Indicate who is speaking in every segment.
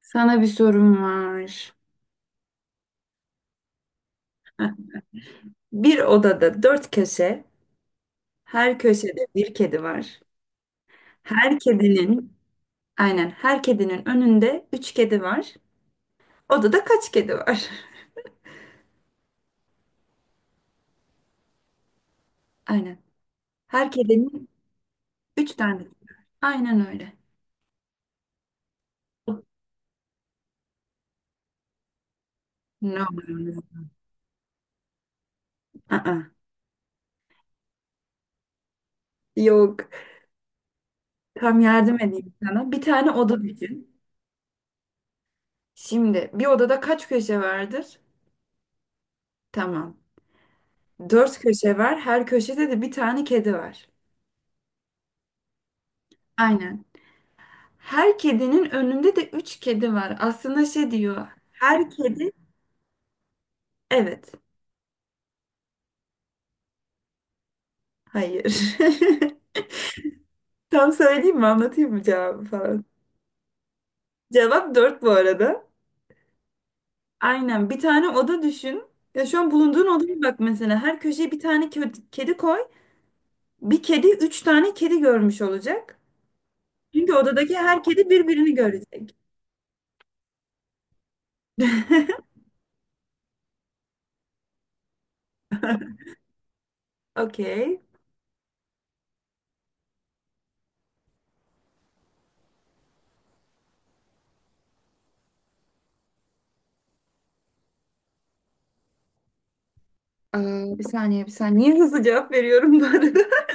Speaker 1: Sana bir sorum var. Heh. Bir odada dört köşe, her köşede bir kedi var. Her kedinin, aynen her kedinin önünde üç kedi var. Odada kaç kedi var? Aynen. Her kedinin üç tane. Kedi var. Aynen öyle. Ne oluyor? Aa, Yok. Tam yardım edeyim sana. Bir tane oda düşün. Şimdi bir odada kaç köşe vardır? Tamam. Dört köşe var. Her köşede de bir tane kedi var. Aynen. Her kedinin önünde de üç kedi var. Aslında şey diyor. Her kedi... Evet. Hayır. Tam söyleyeyim mi? Anlatayım mı cevabı falan? Cevap dört bu arada. Aynen. Bir tane oda düşün. Ya şu an bulunduğun odaya bak mesela. Her köşeye bir tane kedi koy. Bir kedi üç tane kedi görmüş olacak. Çünkü odadaki her kedi birbirini görecek. Okey. Ee, bir saniye, bir saniye. Niye hızlı cevap veriyorum bu arada?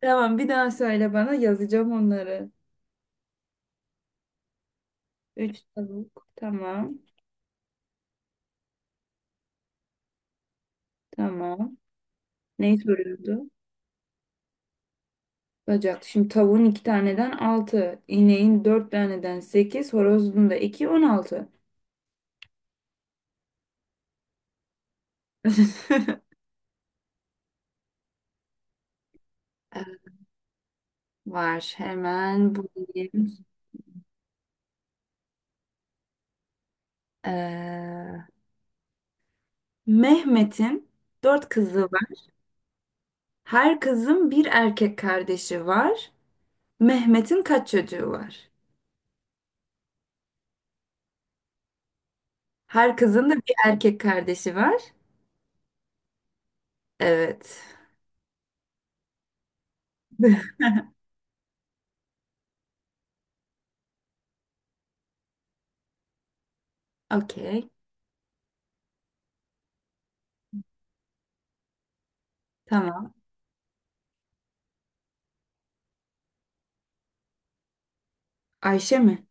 Speaker 1: Tamam, bir daha söyle bana, yazacağım onları. Üç tavuk. Tamam. Tamam. Neyi soruyordu? Bacak. Şimdi tavuğun iki taneden altı. İneğin dört taneden sekiz. Horozun da iki. On altı. Var. Hemen bulayım. Ee, Mehmet'in dört kızı var. Her kızın bir erkek kardeşi var. Mehmet'in kaç çocuğu var? Her kızın da bir erkek kardeşi var. Evet. Okey. Tamam. Ayşe mi?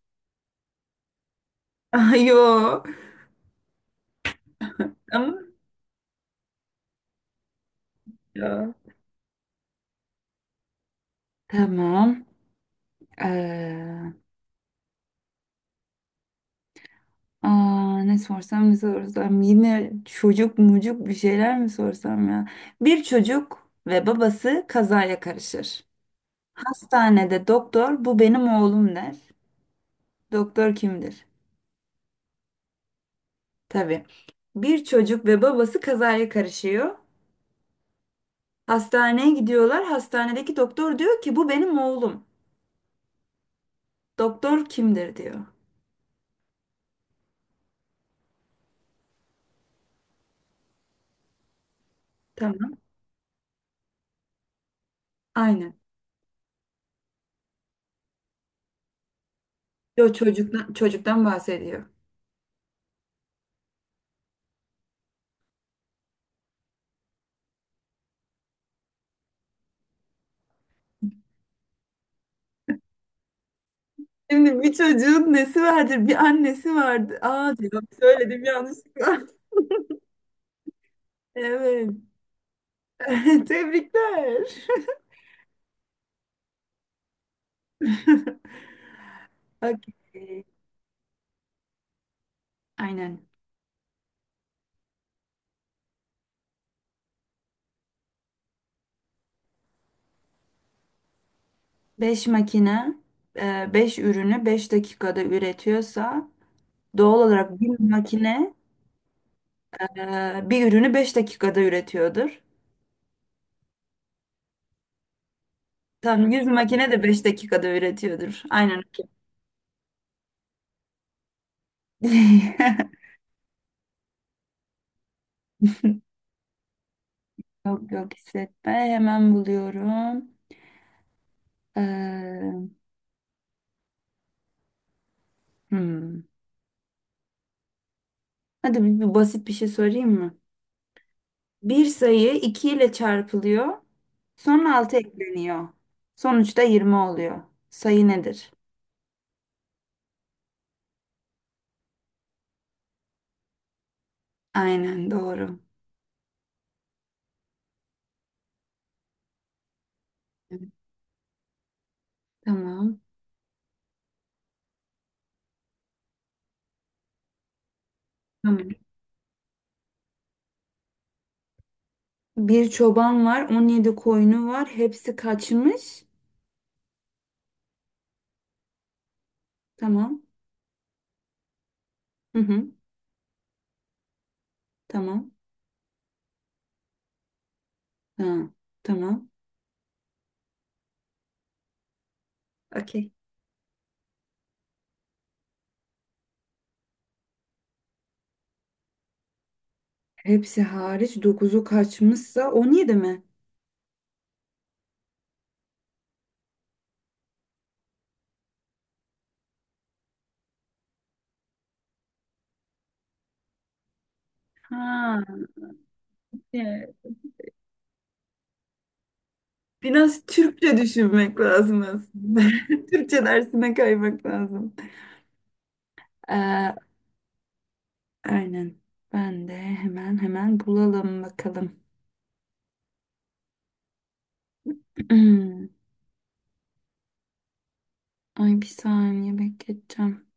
Speaker 1: Ay, yo. Ama ya. Tamam. Ee, ne sorsam, yine çocuk mucuk bir şeyler mi sorsam ya? Bir çocuk ve babası kazaya karışır. Hastanede doktor bu benim oğlum der. Doktor kimdir? Tabii. Bir çocuk ve babası kazaya karışıyor. Hastaneye gidiyorlar. Hastanedeki doktor diyor ki bu benim oğlum. Doktor kimdir diyor. Tamam. Aynen. Yo, çocuktan bahsediyor. Şimdi bir çocuğun nesi vardır? Bir annesi vardı. Aa diyor. Söyledim yanlışlıkla. Evet. Tebrikler. Okey. Aynen. 5 makine 5 ürünü beş dakikada üretiyorsa doğal olarak bir makine bir ürünü 5 dakikada üretiyordur. Tam 100 makine de 5 dakikada üretiyordur. Aynen. Yok yok, hissetme. Hemen buluyorum. Ee, hmm. Hadi bir basit bir şey sorayım mı? Bir sayı 2 ile çarpılıyor. Sonra altı ekleniyor. Sonuçta 20 oluyor. Sayı nedir? Aynen, doğru. Evet. Tamam. Tamam. Bir çoban var, 17 koyunu var. Hepsi kaçmış. Tamam. Hı hı. Tamam. Ha, tamam. Okey. Hepsi hariç dokuzu kaçmışsa 17 mi? Ha, evet. Biraz Türkçe düşünmek lazım aslında. Türkçe dersine kaymak lazım. Ee, aynen. Ben de hemen bulalım bakalım. Ay, bir saniye bekleteceğim.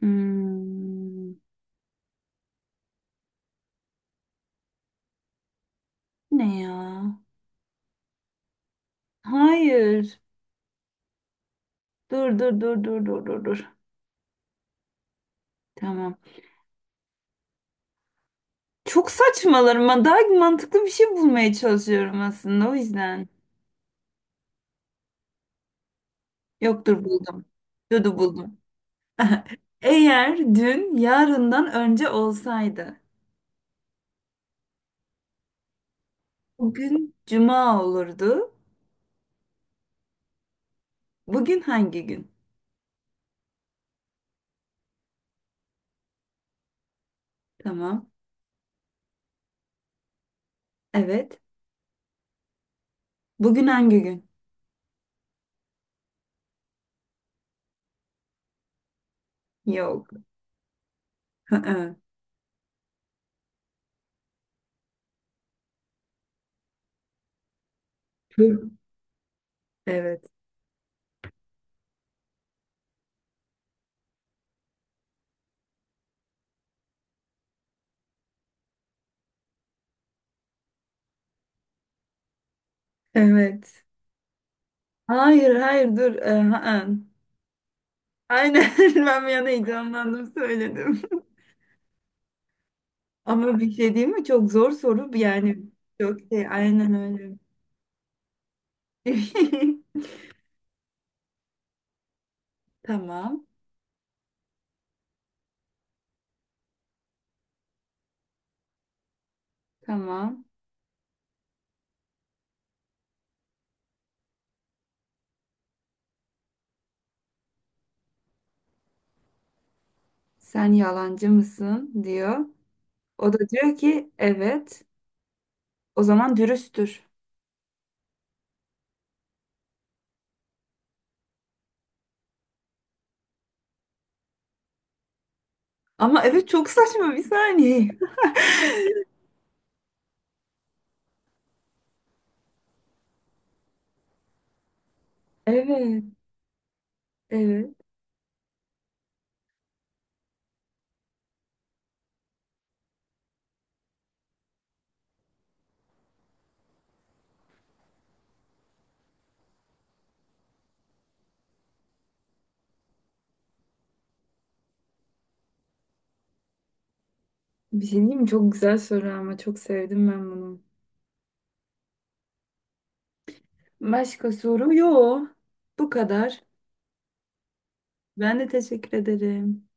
Speaker 1: Hmm, ne ya? Hayır. Dur, dur, dur, dur, dur, dur, dur. Tamam. Çok saçmalarım. Ben daha mantıklı bir şey bulmaya çalışıyorum aslında o yüzden. Yoktur, buldum. Dudu buldum. Eğer dün yarından önce olsaydı, bugün cuma olurdu. Bugün hangi gün? Tamam. Evet. Bugün hangi gün? Yok. Hı-hı. Bu- evet. Evet. Hayır, hayır, dur. Hı-hı. Aynen. Ben bir an heyecanlandım, söyledim. Ama bir şey değil mi? Çok zor soru yani. Çok şey, aynen öyle. Tamam. Tamam. Sen yalancı mısın diyor. O da diyor ki evet. O zaman dürüsttür. Ama evet, çok saçma, bir saniye. Evet. Evet. Bir şey diyeyim mi? Çok güzel soru, ama çok sevdim ben bunu. Başka soru yok. Bu kadar. Ben de teşekkür ederim.